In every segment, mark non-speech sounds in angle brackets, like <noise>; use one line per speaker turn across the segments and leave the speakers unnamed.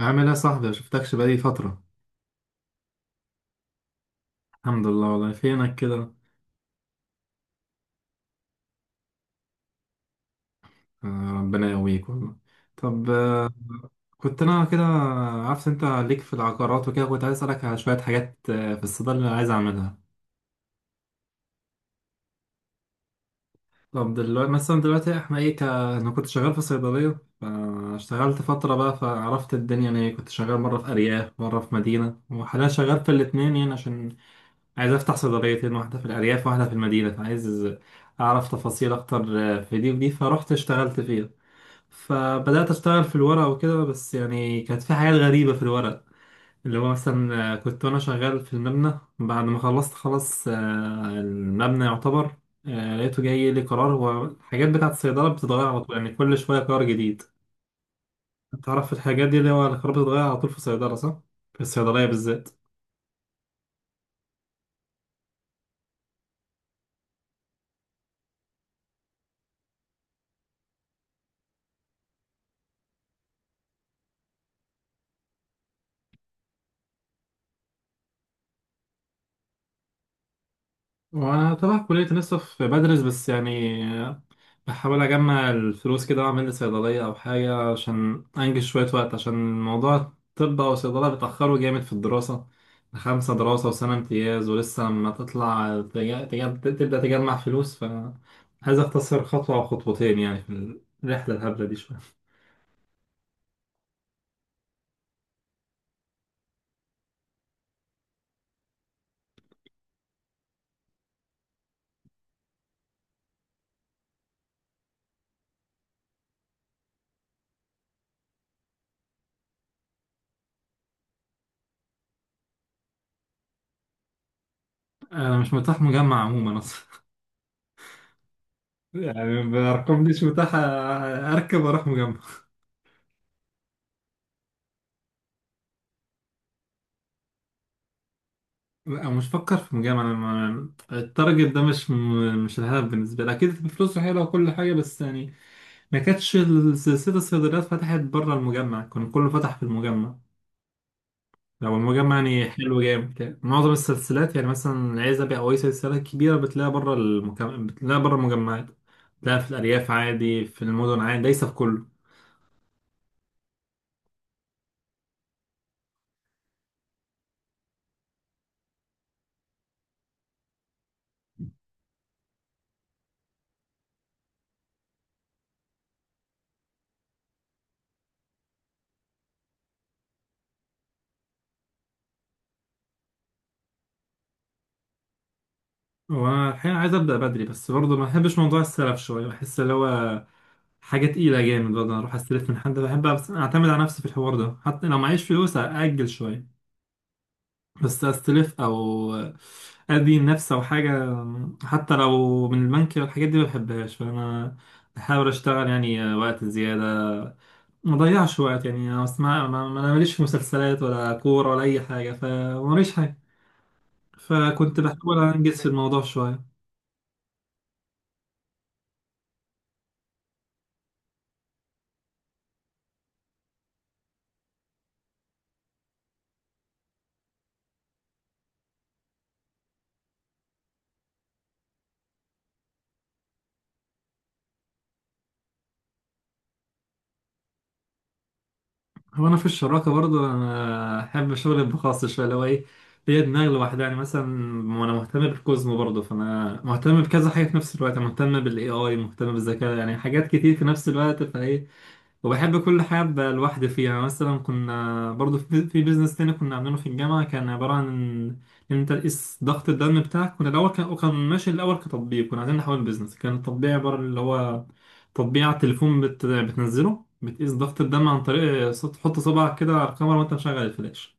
عامل ايه يا صاحبي؟ مشفتكش بقالي فترة. الحمد لله والله. فينك كده؟ ربنا يقويك والله. طب كنت انا كده عارف انت ليك في العقارات وكده، كنت عايز اسألك على شوية حاجات في الصيدلة اللي عايز اعملها. طب دلوقتي مثلا، دلوقتي احنا ايه انا كنت شغال في صيدلية، فاشتغلت فترة بقى فعرفت الدنيا، يعني كنت شغال مرة في أرياف مرة في مدينة وحاليا شغال في الاتنين، يعني عشان عايز افتح صيدليتين، واحدة في الأرياف واحدة في المدينة، فعايز أعرف تفاصيل أكتر في دي ودي. فرحت اشتغلت فيه، فبدأت أشتغل في الورق وكده، بس يعني كانت في حاجات غريبة في الورق، اللي هو مثلا كنت وأنا شغال في المبنى بعد ما خلصت خلاص المبنى يعتبر لقيته جاي لي قرار. هو الحاجات بتاعة الصيدلة بتتغير على طول، يعني كل شوية قرار جديد. تعرف الحاجات دي اللي هو القرار بتتغير على طول في الصيدلة صح؟ في الصيدلية بالذات. وأنا تبع كلية لسه في بدرس، بس يعني بحاول أجمع الفلوس كده وأعمل لي صيدلية أو حاجة عشان أنجز شوية وقت، عشان موضوع الطب أو الصيدلة بيتأخروا جامد في الدراسة. خمسة دراسة وسنة امتياز، ولسه ما تطلع تبدأ تجمع فلوس، فعايز أختصر خطوة أو خطوتين يعني في الرحلة الهبلة دي شوية. أنا مش متاح مجمع عموما أصلا. <laughs> يعني بأرقام دي مش متاح أركب وأروح مجمع. لا، مش فكر في مجامعة. أنا ما- التارجت ده مش الهدف بالنسبة لي، أكيد فلوسه حلوة وكل حاجة، بس يعني ما كانتش السلسلة الصيدليات فتحت بره المجمع، كان كله فتح في المجمع. لو المجمع يعني حلو جامد، يعني معظم السلسلات يعني مثلا العزبي أو أي سلسلة كبيرة بتلاقيها بره بتلاقيها بره المجمعات. بتلاقيها في الأرياف عادي، في المدن عادي، ليس في كله. وأنا الحقيقة عايز أبدأ بدري، بس برضه ما بحبش موضوع السلف شوية، بحس اللي هو حاجة تقيلة جامد برضه أروح أستلف من حد. بحب أعتمد على نفسي في الحوار ده، حتى لو معيش فلوس أأجل شوية، بس استلف او ادي النفس او حاجه حتى لو من البنك، الحاجات دي ما بحبهاش. فانا بحاول اشتغل يعني وقت زياده، ما ضيعش وقت. يعني انا اسمع انا ماليش في مسلسلات ولا كوره ولا اي حاجه، فماليش حاجه، فكنت بحاول انجز في الموضوع شويه. هو في الشراكه برضو انا احب شغل الخاص شويه، اللي هو ايه، ليا دماغ لوحدها. يعني مثلا انا مهتم بالكوزمو برضو، فانا مهتم بكذا حاجه في نفس الوقت. أنا مهتم بالاي اي، مهتم بالذكاء، يعني حاجات كتير في نفس الوقت، فايه وبحب كل حاجة أبقى لوحدي فيها. مثلا كنا برضو في بيزنس تاني كنا عاملينه في الجامعة، كان عبارة عن إن أنت تقيس ضغط الدم بتاعك. كنا الأول كان وكان ماشي الأول كتطبيق، كنا عايزين نحول بيزنس. كان التطبيق عبارة اللي هو تطبيق على التليفون بتنزله بتقيس ضغط الدم عن طريق تحط صبعك كده على الكاميرا وأنت مشغل الفلاش.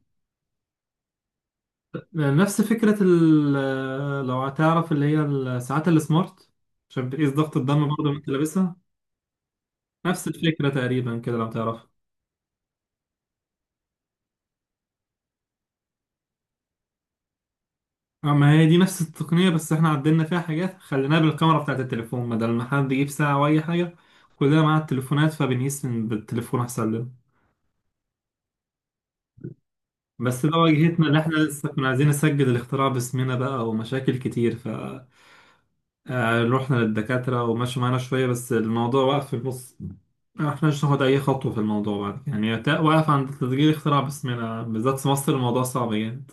نفس فكرة لو هتعرف اللي هي الساعات السمارت، عشان بتقيس ضغط الدم برضه وأنت لابسها. نفس الفكرة تقريبا كده لو تعرف. اه، ما هي دي نفس التقنية، بس احنا عدلنا فيها حاجات، خليناها بالكاميرا بتاعت التليفون بدل ما حد يجيب ساعة أو أي حاجة. كلنا معانا التليفونات، فبنقيس من بالتليفون أحسن لنا. بس ده واجهتنا، اللي احنا لسه كنا عايزين نسجل الاختراع باسمنا بقى، ومشاكل كتير ف رحنا للدكاترة ومشوا معانا شوية، بس الموضوع وقف في النص. ما احناش ناخد أي خطوة في الموضوع بعد كده. يعني واقف عند تسجيل اختراع باسمنا، بالذات في مصر الموضوع صعب جامد.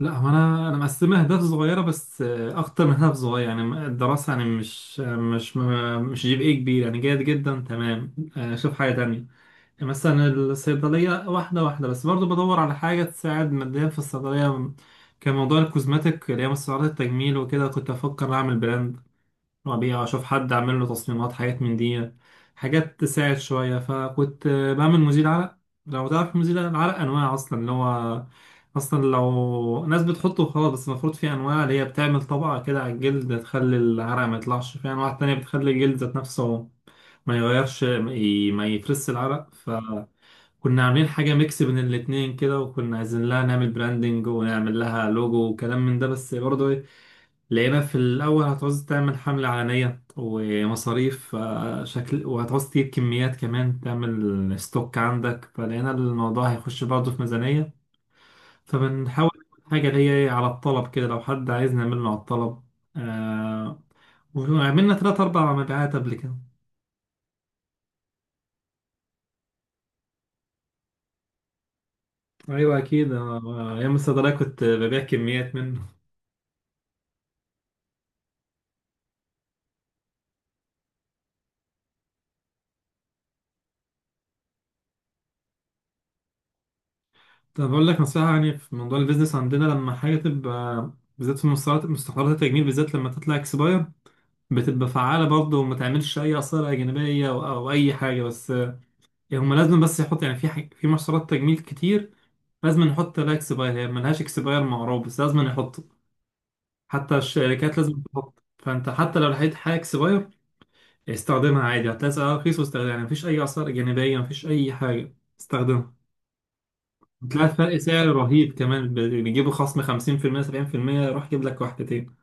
لا، هو انا مقسمها اهداف صغيره، بس اكتر من هدف صغير. يعني الدراسه يعني مش مش جيب ايه كبير، يعني جيد جدا تمام. شوف حاجه تانية، يعني مثلا الصيدليه واحده واحده. بس برضو بدور على حاجه تساعد ماديا في الصيدليه، كان موضوع الكوزماتيك اللي هي مستحضرات التجميل وكده، كنت افكر اعمل براند وأبيع، أشوف حد أعمل له تصميمات حاجات من دي، حاجات تساعد شوية. فكنت بعمل مزيل عرق. لو تعرف مزيل العرق أنواع أصلا، اللي هو أصلا لو ناس بتحطه خلاص، بس المفروض في أنواع اللي هي بتعمل طبقة كده على الجلد تخلي العرق ما يطلعش، في أنواع تانية بتخلي الجلد ذات نفسه ما يغيرش، ما يفرس العرق. فكنا عاملين حاجة ميكس بين الاتنين كده، وكنا عايزين لها نعمل براندنج ونعمل لها لوجو وكلام من ده، بس برضه لقينا في الأول هتعوز تعمل حملة إعلانية ومصاريف شكل، وهتعوز تجيب كميات كمان تعمل ستوك عندك، فلقينا الموضوع هيخش برضه في ميزانية. فبنحاول نعمل حاجة اللي هي على الطلب كده، لو حد عايز نعمله على الطلب. آه. وعملنا تلات أربع مبيعات قبل كده. أيوة أكيد، أيام الصيدلية كنت ببيع كميات منه. طب أقول لك نصيحة، يعني في موضوع البيزنس عندنا لما حاجة تبقى، بالذات في مستحضرات التجميل، بالذات لما تطلع اكسباير بتبقى فعالة برضه وما تعملش أي آثار جانبية أو أي حاجة، بس هما لازم بس يحط. يعني في حاجة في محصولات تجميل كتير لازم نحط لها اكسباير، هي ملهاش اكسباير معروف بس لازم نحطه، حتى الشركات لازم تحط. فأنت حتى لو لقيت حاجة اكسباير استخدمها عادي، هتلاقي سعرها رخيص واستخدمها، يعني مفيش أي آثار جانبية مفيش أي حاجة، استخدمها. هتلاقي فرق سعر رهيب كمان، بيجيبوا خصم 50% 70% يروح يجيب لك واحدتين.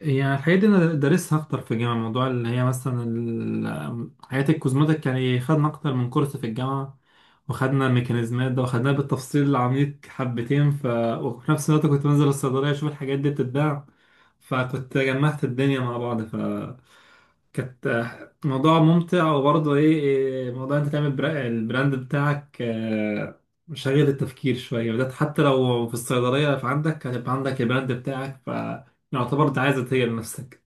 يعني الحاجات دي انا دارسها اكتر في الجامعه، الموضوع اللي هي مثلا حاجات الكوزماتيك، يعني خدنا اكتر من كورس في الجامعه، وخدنا الميكانيزمات ده وخدناها بالتفصيل العميق حبتين ف وفي نفس الوقت كنت بنزل الصيدليه اشوف الحاجات دي بتتباع، فكنت جمعت الدنيا مع بعض. كانت موضوع ممتع، وبرضه ايه إيه، موضوع انت تعمل البراند بتاعك شغل التفكير شوية بدأت، حتى لو في الصيدلية فعندك هتبقى عندك البراند بتاعك، فيعتبر انت عايز تغير لنفسك.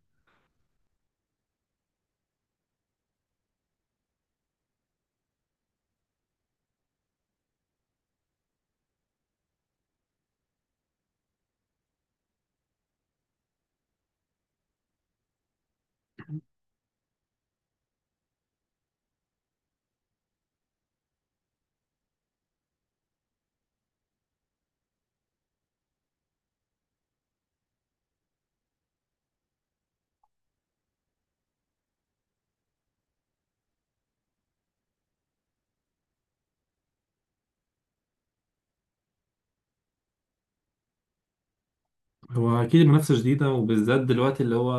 هو أكيد المنافسة شديدة، وبالذات دلوقتي اللي هو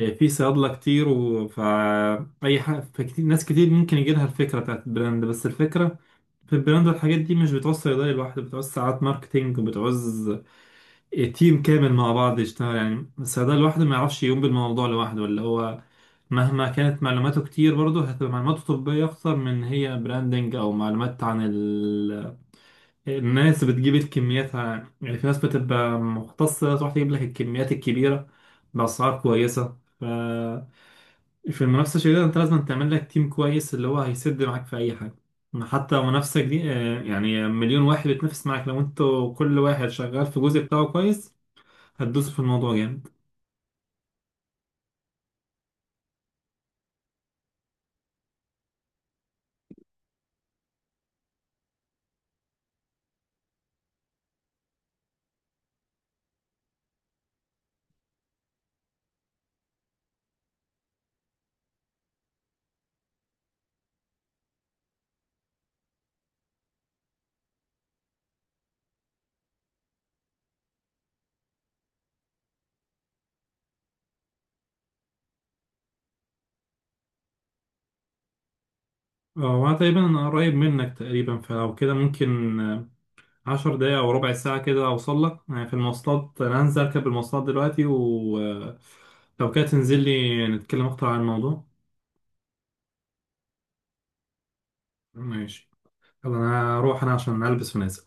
في صيادلة كتير فأي حاجة، فكتير ناس كتير ممكن يجيلها الفكرة بتاعت البراند. بس الفكرة في البراند والحاجات دي مش بتعوز صيدلية لوحده، بتعوز ساعات ماركتينج وبتعوز تيم كامل مع بعض يشتغل، يعني الصيدلي لوحده ما يعرفش يقوم بالموضوع لوحده، اللي هو مهما كانت معلوماته كتير برضه هتبقى معلوماته طبية أكتر من هي براندنج أو معلومات عن الناس بتجيب الكميات يعني في ناس بتبقى مختصة تروح تجيب لك الكميات الكبيرة بأسعار كويسة ف في المنافسة الشديدة أنت لازم تعمل لك تيم كويس، اللي هو هيسد معاك في أي حاجة. حتى منافسة دي يعني مليون واحد بيتنافس معاك، لو انتوا كل واحد شغال في جزء بتاعه كويس هتدوس في الموضوع جامد. وانا تقريبا قريب منك تقريبا، فلو كده ممكن عشر دقايق او ربع ساعة كده اوصل لك، يعني في المواصلات انا هنزل اركب المواصلات دلوقتي، ولو كده تنزل لي نتكلم اكتر عن الموضوع. ماشي. يلا انا هروح انا عشان البس ونازل.